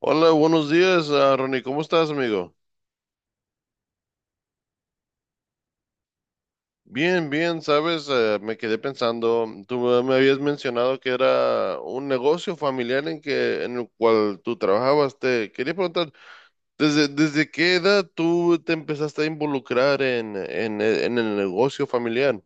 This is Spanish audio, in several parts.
Hola, buenos días, Ronnie. ¿Cómo estás, amigo? Bien, bien, sabes, me quedé pensando, tú me habías mencionado que era un negocio familiar en el cual tú trabajabas. Te quería preguntar, desde qué edad tú te empezaste a involucrar en el negocio familiar?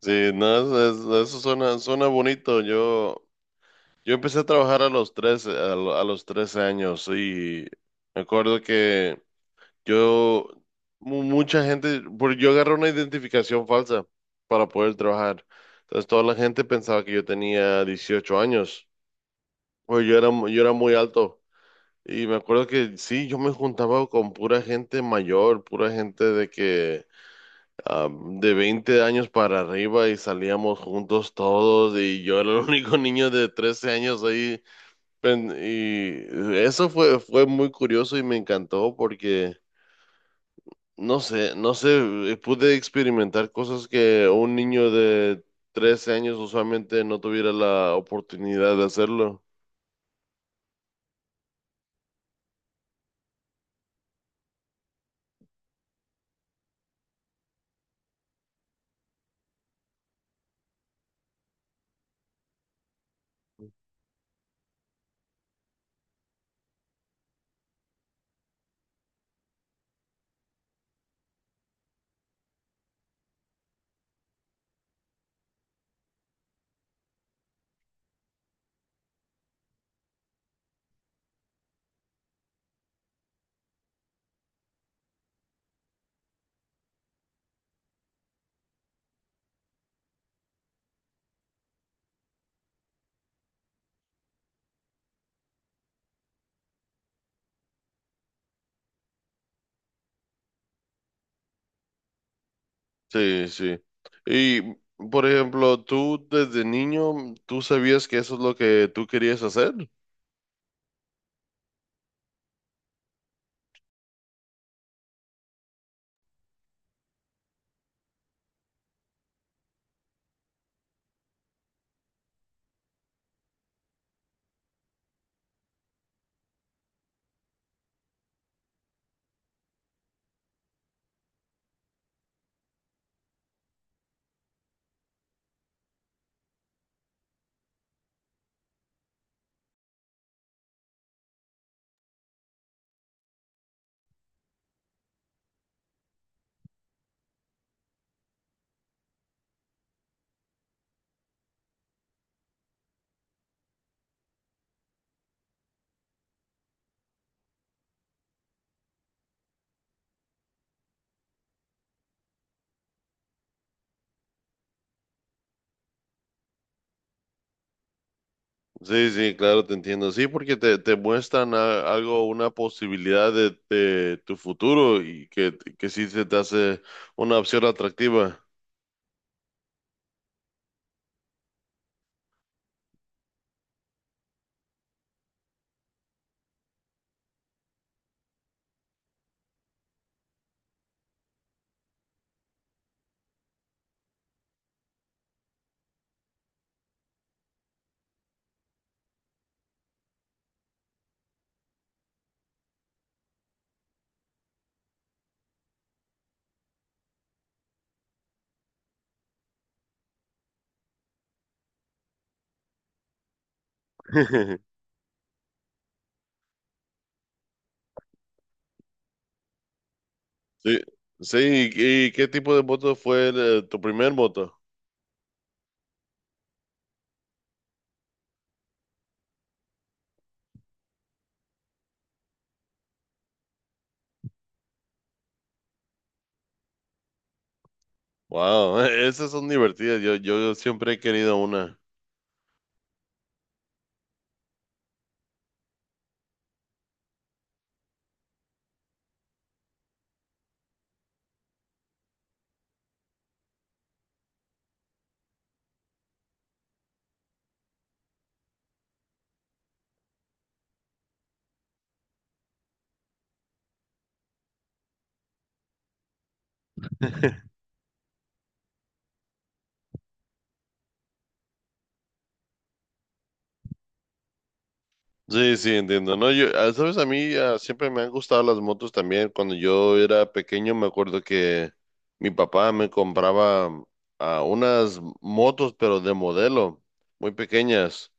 Sí, no, eso suena bonito. Yo empecé a trabajar a los 13 años, y me acuerdo que Yo, mucha gente, porque yo agarré una identificación falsa para poder trabajar. Entonces toda la gente pensaba que yo tenía 18 años, pues yo era muy alto. Y me acuerdo que sí, yo me juntaba con pura gente mayor, pura gente de que de 20 años para arriba, y salíamos juntos todos, y yo era el único niño de 13 años ahí. Y eso fue muy curioso y me encantó porque... No sé, no sé, pude experimentar cosas que un niño de 13 años usualmente no tuviera la oportunidad de hacerlo. Sí, sí. Y, por ejemplo, tú desde niño, ¿tú sabías que eso es lo que tú querías hacer? Sí, sí, claro, te entiendo. Sí, porque te muestran algo, una posibilidad de tu futuro, y que sí se te hace una opción atractiva. Sí, sí, y qué tipo de moto fue tu primer moto? Wow, esas son divertidas, yo siempre he querido una. Sí, sí, entiendo, ¿no? Sabes, a mí siempre me han gustado las motos también. Cuando yo era pequeño me acuerdo que mi papá me compraba unas motos, pero de modelo, muy pequeñas.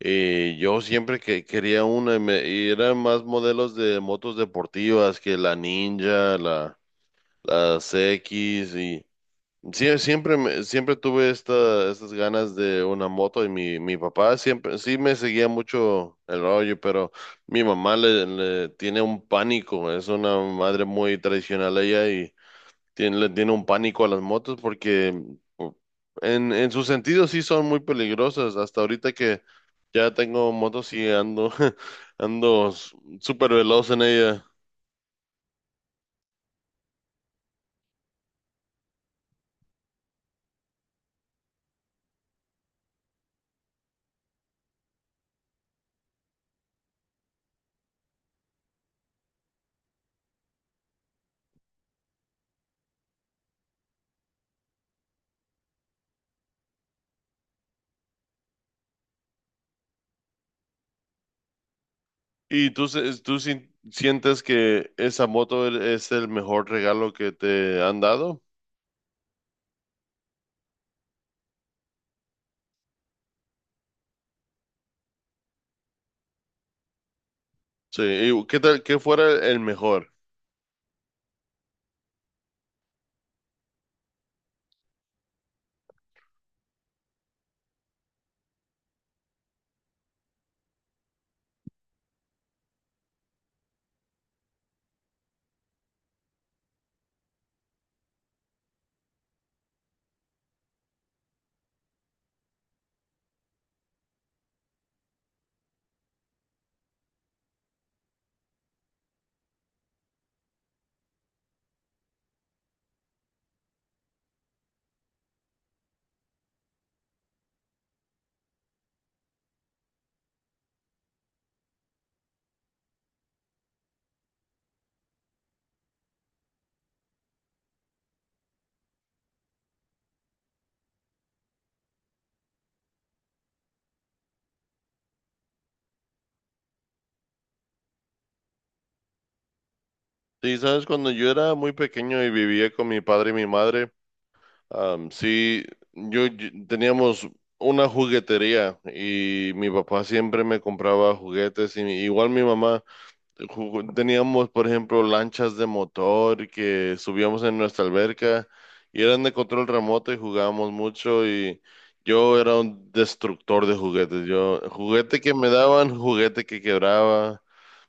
Y yo siempre que quería una, y eran más modelos de motos deportivas, que la Ninja, las X. Y sí, siempre tuve estas ganas de una moto, y mi papá siempre sí me seguía mucho el rollo, pero mi mamá le tiene un pánico. Es una madre muy tradicional, ella, y le tiene un pánico a las motos, porque u- en su sentido sí son muy peligrosas. Hasta ahorita que ya tengo motos y ando, ando s- súper veloz en ella. ¿Y tú, tú sientes que esa moto es el mejor regalo que te han dado? Sí, ¿y qué tal, qué fuera el mejor? Sí, sabes, cuando yo era muy pequeño y vivía con mi padre y mi madre, sí, teníamos una juguetería, y mi papá siempre me compraba juguetes, y igual mi mamá. Teníamos, por ejemplo, lanchas de motor que subíamos en nuestra alberca, y eran de control remoto, y jugábamos mucho, y yo era un destructor de juguetes. Yo, juguete que me daban, juguete que quebraba.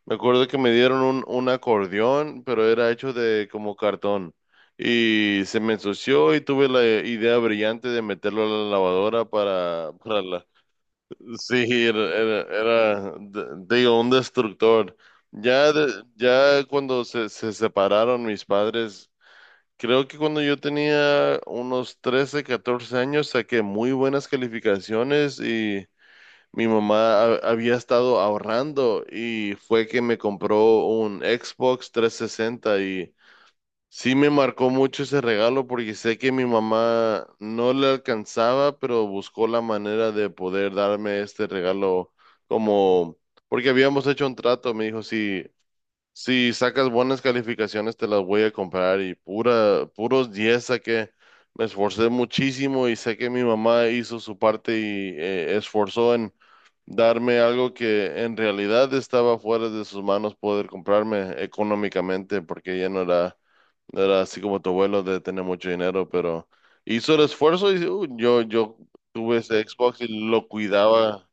Me acuerdo que me dieron un acordeón, pero era hecho de como cartón y se me ensució, y tuve la idea brillante de meterlo a la lavadora. Sí, digo, un destructor. Ya, ya cuando se separaron mis padres, creo que cuando yo tenía unos 13, 14 años, saqué muy buenas calificaciones, y mi mamá había estado ahorrando y fue que me compró un Xbox 360. Y sí me marcó mucho ese regalo, porque sé que mi mamá no le alcanzaba, pero buscó la manera de poder darme este regalo, como, porque habíamos hecho un trato. Me dijo, si sacas buenas calificaciones te las voy a comprar, y puros 10 saqué. Me esforcé muchísimo, y sé que mi mamá hizo su parte y esforzó en darme algo que en realidad estaba fuera de sus manos poder comprarme económicamente, porque ella no era así como tu abuelo de tener mucho dinero, pero hizo el esfuerzo. Y yo tuve ese Xbox y lo cuidaba.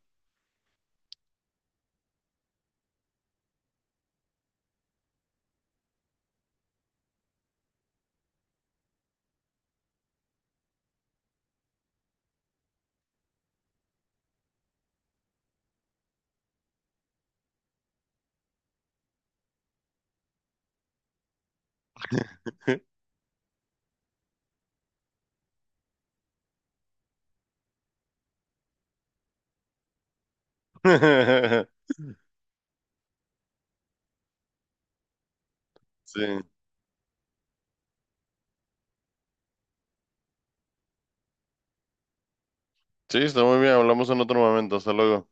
Sí. Sí, está muy bien. Hablamos en otro momento. Hasta luego.